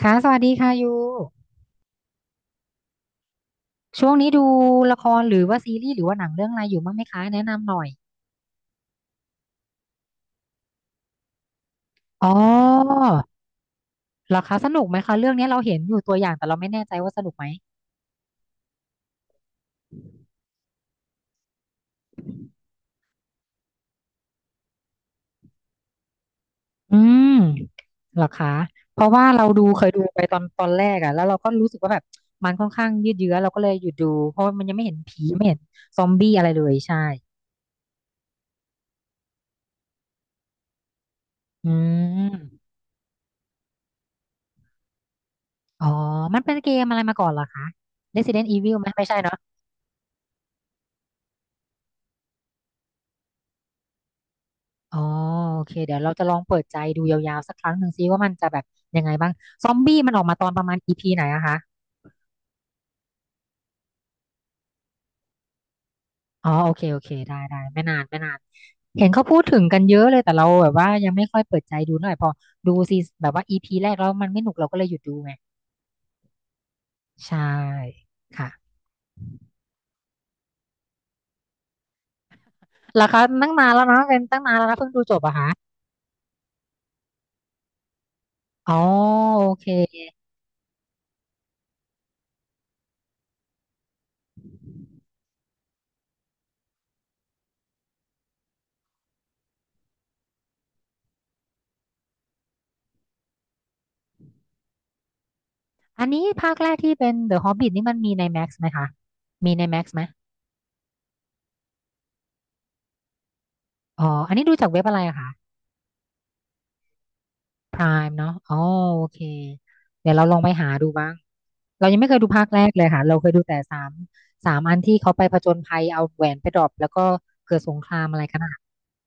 ค่ะสวัสดีค่ะยูช่วงนี้ดูละครหรือว่าซีรีส์หรือว่าหนังเรื่องอะไรอยู่บ้างไหมคะแนะนำหน่อยอ๋อเหรอคะสนุกไหมคะเรื่องนี้เราเห็นอยู่ตัวอย่างแต่เราไม่แน่ใจว่าสนุกไหมอืมเหรอคะเพราะว่าเราดูเคยดูไปตอนแรกอะแล้วเราก็รู้สึกว่าแบบมันค่อนข้างยืดเยื้อเราก็เลยหยุดดูเพราะมันยังไม่เห็นผีไม่เห็นซอมบี้อะไรเลยใช่อืมอ๋อมันเป็นเกมอะไรมาก่อนเหรอคะ Resident Evil ไหมไม่ใช่เนอะ อ๋อโอเคเดี๋ยวเราจะลองเปิดใจดูยาวๆสักครั้งหนึ่งซิว่ามันจะแบบยังไงบ้างซอมบี้มันออกมาตอนประมาณ e ีพีไหนอะคะอ๋อโอเคโอเคได้ได้ไม่นานไม่นานเห็นเขาพูดถึงกันเยอะเลยแต่เราแบบว่ายังไม่ค่อยเปิดใจดูเท่าไหร่พอดูซีแบบว่า e ีพีแรกแล้วมันไม่หนุกเราก็เลยหยุดดูไงใช่ค่ะเหราคาตั้งนานแล้วนะเป็นตั้งนานแล้วนะเพิ่งดูจบอะคะอ๋อโอเคอันนี้ภาคแรกที่เป็น The Hobbit นี่มันมีใน Max ไหมคะมีใน Max ไหมอ๋ออันนี้ดูจากเว็บอะไรอะคะ พรามเนาะอ๋อโอเคเดี๋ยวเราลองไปหาดูบ้างเรายังไม่เคยดูภาคแรกเลยค่ะเราเคยดูแต่สามสามอันที่เขาไปผจญภัยเอาแหวนไปดรอปแล้วก็เกิดสงครามอะไรกันอ่ะ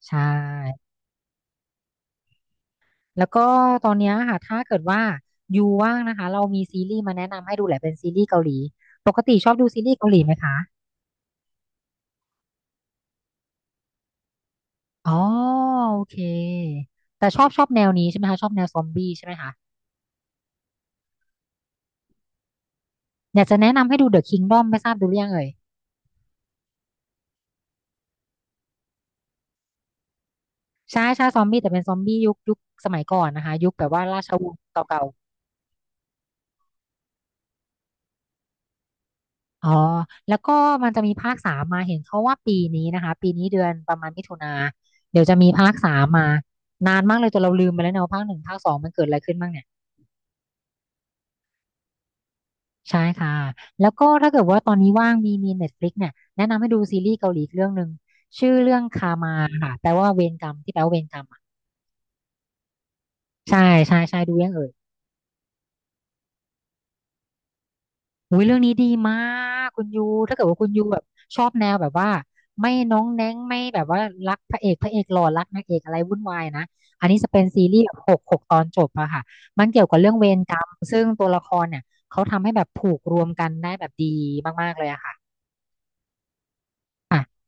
ใช่แล้วก็ตอนเนี้ยค่ะถ้าเกิดว่ายูว่างนะคะเรามีซีรีส์มาแนะนำให้ดูแหละเป็นซีรีส์เกาหลีปกติชอบดูซีรีส์เกาหลีไหมคะอ๋อโอเคแต่ชอบชอบแนวนี้ใช่ไหมคะชอบแนวซอมบี้ใช่ไหมคะอยากจะแนะนำให้ดู The Kingdom ไม่ทราบดูหรือยังเอ่ย ใช่ใช่ซอมบี้แต่เป็นซอมบี้ยุคสมัยก่อนนะคะยุคแบบว่าราชวงศ์เก่าๆอ๋อแล้วก็มันจะมีภาคสามมาเห็นเขาว่าปีนี้นะคะปีนี้เดือนประมาณมิถุนาเดี๋ยวจะมีภาคสามมานานมากเลยจนเราลืมไปแล้วเนอะว่าภาคหนึ่งภาคสองมันเกิดอะไรขึ้นบ้างเนี่ยใช่ค่ะแล้วก็ถ้าเกิดว่าตอนนี้ว่างมีเน็ตฟลิกเนี่ยแนะนำให้ดูซีรีส์เกาหลีอีกเรื่องหนึ่งชื่อเรื่องคามาค่ะแปลว่าเวรกรรมที่แปลว่าเวรกรรมอะใช่ใช่ดูยังเอ่ย อุ้ยเรื่องนี้ดีมากคุณยูถ้าเกิดว่าคุณยูแบบชอบแนวแบบว่าไม่น้องแน้งไม่แบบว่ารักพระเอกพระเอกหล่อรักนางเอกอะไรวุ่นวายนะอันนี้จะเป็นซีรีส์แบบหกตอนจบอะค่ะมันเกี่ยวกับเรื่องเวรกรรมซึ่งตัวละครเนี่ยเขาทำให้แบบผูกรวมกันได้แบบดีมากๆเลยอะค่ะค่ะ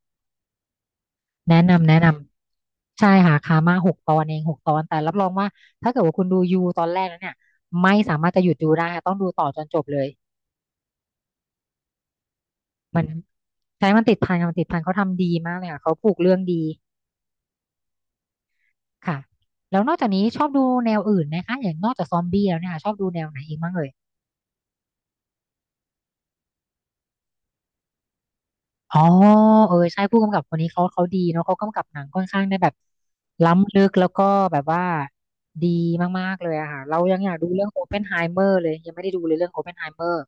แนะนำใช่ค่ะคามาหกตอนเองหกตอนแต่รับรองว่าถ้าเกิดว่าคุณดูยูตอนแรกแล้วเนี่ยไม่สามารถจะหยุดดูได้ค่ะต้องดูต่อจนจบเลย มันใช้มันติดพันค่ะมันติดพันเขาทำดีมากเลยค่ะเขาผูกเรื่องดีค่ะแล้วนอกจากนี้ชอบดูแนวอื่นไหมคะอย่างนอกจากซอมบี้แล้วเนี่ยค่ะชอบดูแนวไหนอีกบ้างเอ่ยอ๋อเออใช่ผู้กำกับคนนี้เขาดีเนาะเขากำกับหนังค่อนข้างได้แบบล้ำลึกแล้วก็แบบว่าดีมากๆเลยอะค่ะเรายังอยากดูเรื่องโอเพนไฮเมอร์เลยยังไม่ได้ดูเลยเรื่องโอเพนไฮเมอร์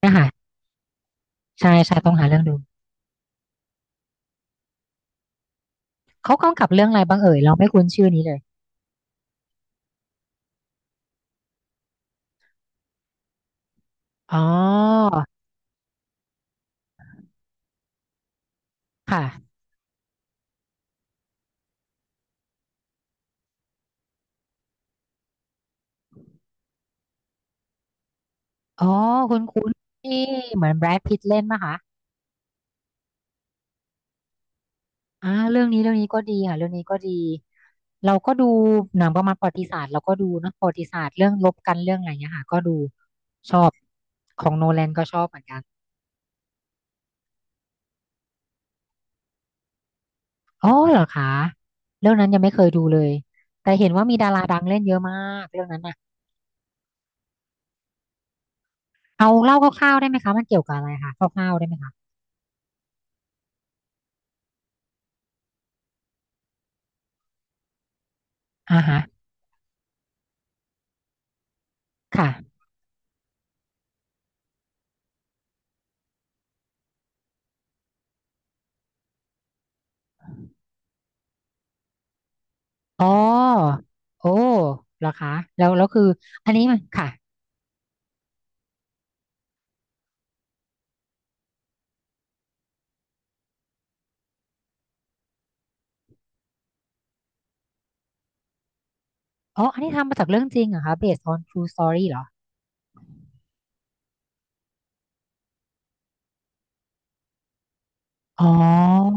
เนี่ยค่ะใช่ใช่ต้องหาเรื่องดูเขากำกับเรื่องอะไรบ้างเอ่ยเราไม่คุ้นชื่อนี้เลยอ๋อค่ะ อ๋อคุ้นที่เหมือนแบรดพิตเล่นนะคะอ่าเรื่องนี้เรื่องนี้ก็ดีค่ะเรื่องนี้ก็ดีเราก็ดูหนังประมาณประวัติศาสตร์เราก็ดูเนอะประวัติศาสตร์เรื่องรบกันเรื่องอะไรเงี้ยค่ะก็ดูชอบของโนแลนก็ชอบเหมือนกันอ๋อเหรอคะเรื่องนั้นยังไม่เคยดูเลยแต่เห็นว่ามีดาราดังเล่นเยอะมากเรื่องนั้นอะเอาเล่าคร่าวๆได้ไหมคะมันเกี่ยวกับอะไรคะคร่าวๆได้ไหมคะอ่าฮะค่ะอ๋อโอ้เหรอคะแล้วแล้วคืออันนี้มันค่ะ อ๋อ อันนี้ทำมาจากเรื่องจริงเหรอคะ based on true story เหรอ อ๋อ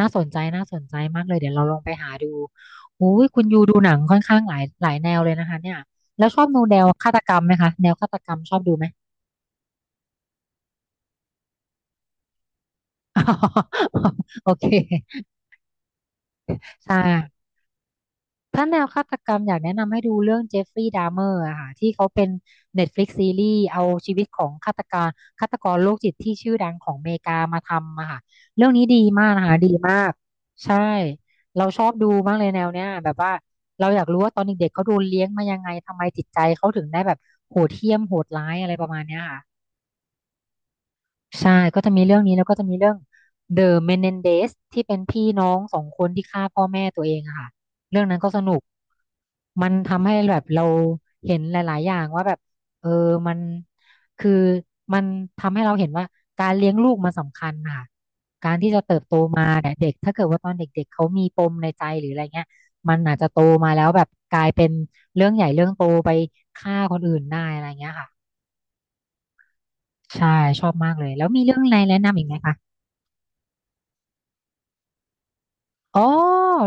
น่าสนใจ น่าสนใจมากเลย เดี๋ยวเราลองไปหาดู อุ้ยคุณยูดูหนังค่อนข้างหลายหลายแนวเลยนะคะเนี่ยแล้วชอบดูแนวฆาตกรรมไหมคะ แนวฆาตกรรมชอบดูไหม โอเคใช่ ถ้าแนวฆาตกรรมอยากแนะนำให้ดูเรื่องเจฟฟรีย์ดา m เมอร์อะค่ะที่เขาเป็น Netflix ซีรีส์เอาชีวิตของฆาตกรโรคจิตที่ชื่อดังของอเมริกามาทำอะค่ะเรื่องนี้ดีมากนะคะดีมากใช่เราชอบดูมากเลยแนวเนี้ยแบบว่าเราอยากรู้ว่าตอนเด็กๆเขาโดนเลี้ยงมายังไงทำไมจิตใจเขาถึงได้แบบโหดเหี้ยมโหดร้ายอะไรประมาณเนี้ยค่ะ ใช่ก็จะมีเรื่องนี้แล้วก็จะมีเรื่อง The Menendez ที่เป็นพี่น้อง2 คนที่ฆ่าพ่อแม่ตัวเองอะค่ะเรื่องนั้นก็สนุกมันทำให้แบบเราเห็นหลายๆอย่างว่าแบบเออมันคือมันทำให้เราเห็นว่าการเลี้ยงลูกมันสำคัญค่ะโตมาเนี่ยเด็กถ้าเกิดว่าตอนเด็กๆเขามีปมในใจหรืออะไรเงี้ยมันอาจจะโตมาแล้วแบบกลายเป็นเรื่องใหญ่เรื่องโตไปฆ่าคนอื่นได้อะไรเงี้ยค่ะใช่ชอบมากเลยแล้วมีเรื่องอะไรแนะนำอีกไหมคะ อ๋อ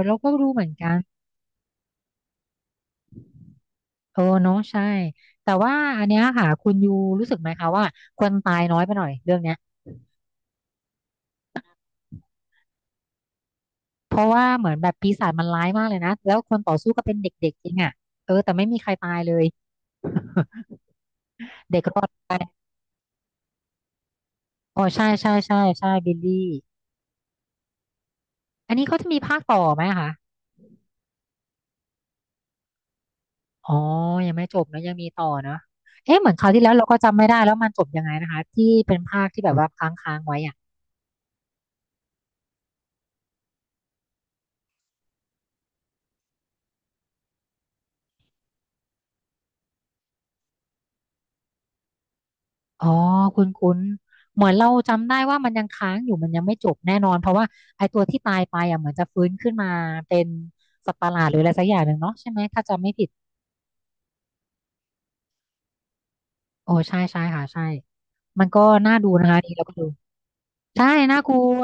เราก็รู้เหมือนกันเออเนาะใช่แต่ว่าอันเนี้ยค่ะคุณยูรู้สึกไหมคะว่าคนตายน้อยไปหน่อยเรื่องเนี้ยเพราะว่าเหมือนแบบปีศาจมันร้ายมากเลยนะแล้วคนต่อสู้ก็เป็นเด็กๆเองอ่ะเออแต่ไม่มีใครตายเลยเด็กรอดไปอ๋อใช่ใช่ใช่ใช่บิลลี่อันนี้เขาจะมีภาคต่อไหมคะอ๋อยังไม่จบนะยังมีต่อเนอะเอ๊ะเหมือนคราวที่แล้วเราก็จำไม่ได้แล้วมันจบยังไงนะคะที่เป็นภาคที่แบบว่าค้างๆไว้อะ อ๋อคุณคุ้นๆเหมือนเราจำได้ว่ามันยังค้างอยู่มันยังไม่จบแน่นอนเพราะว่าไอ้ตัวที่ตายไปอ่ะเหมือนจะฟื้นขึ้นมาเป็นสัตว์ประหลาดหรืออะไรสักอย่างหนึ่งเนาะใช่ไหมถ้าจำไม่ผิดโอ้ใช่ใช่ค่ะใช่มันก็น่าดูนะคะนี่เราก็ดูใช่น่ากลัว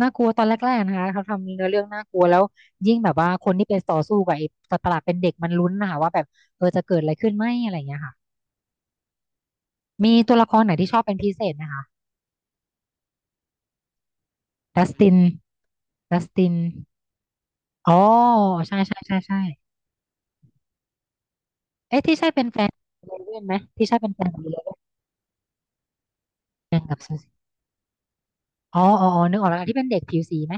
ตอนแรกๆนะคะเขาทำเนื้อเรื่องน่ากลัวแล้วยิ่งแบบว่าคนที่เป็นต่อสู้กับไอ้สัตว์ประหลาดเป็นเด็กมันลุ้นนะคะว่าแบบเออจะเกิดอะไรขึ้นไหมอะไรอย่างเงี้ยค่ะมีตัวละครไหนที่ชอบเป็นพิเศษนะคะดัสตินดัสติน อ๋อใช่ใช่ใช่ใช่เอ๊ะที่ใช่เป็นแฟนเลเว่นไหมที่ใช่เป็นแฟนของเลเว่นแฟนกับซูซี่อ๋ออ๋ออ๋อนึกออกแล้วที่เป็นเด็กผิวสีไหม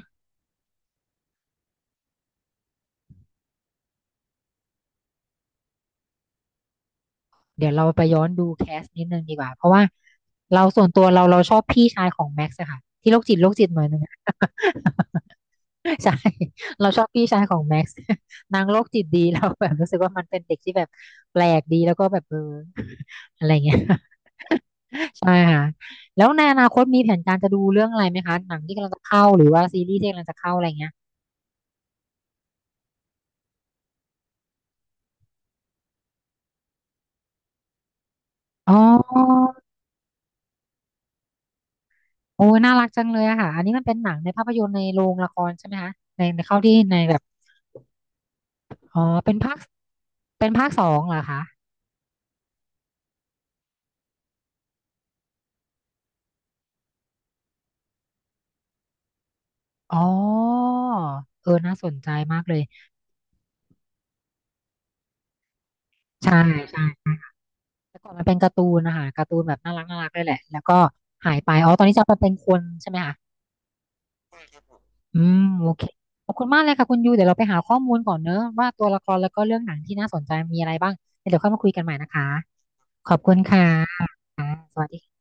เดี๋ยวเราไปย้อนดูแคสนิดนึงดีกว่าเพราะว่าเราส่วนตัวเราชอบพี่ชายของแม็กซ์อะค่ะที่โรคจิตหน่อยนึงอะ ใช่ เราชอบพี่ชายของแม็กซ์ นางโรคจิตดี เราแบบรู้สึกว่ามันเป็นเด็กที่แบบแปลกดีแล้วก็แบบเออ อะไรเงี้ย ใช่ค่ะแล้วในอนาคตมีแผนการจะดูเรื่องอะไรไหมคะหนังที่กำลังจะเข้าหรือว่าซีรีส์ที่กำลังจะเข้าอะไรเงี้ยอ๋อโอ้ยน่ารักจังเลยอะค่ะอันนี้มันเป็นหนังในภาพยนตร์ในโรงละครใช่ไหมคะในแบบอ๋อเป็นภาค2 เหรอคะอ๋อเออน่าสนใจมากเลยใช่ใช่ แต่ก่อนมันเป็นการ์ตูนนะคะการ์ตูนแบบน่ารักเลยแหละแล้วก็หายไปอ๋อตอนนี้จะมาเป็นคนใช่ไหมคะอืมโอเคขอบคุณมากเลยค่ะคุณยูเดี๋ยวเราไปหาข้อมูลก่อนเนอะว่าตัวละครแล้วก็เรื่องหนังที่น่าสนใจมีอะไรบ้างเดี๋ยวค่อยมาคุยกันใหม่นะคะขอบคุณค่ะสวัสดี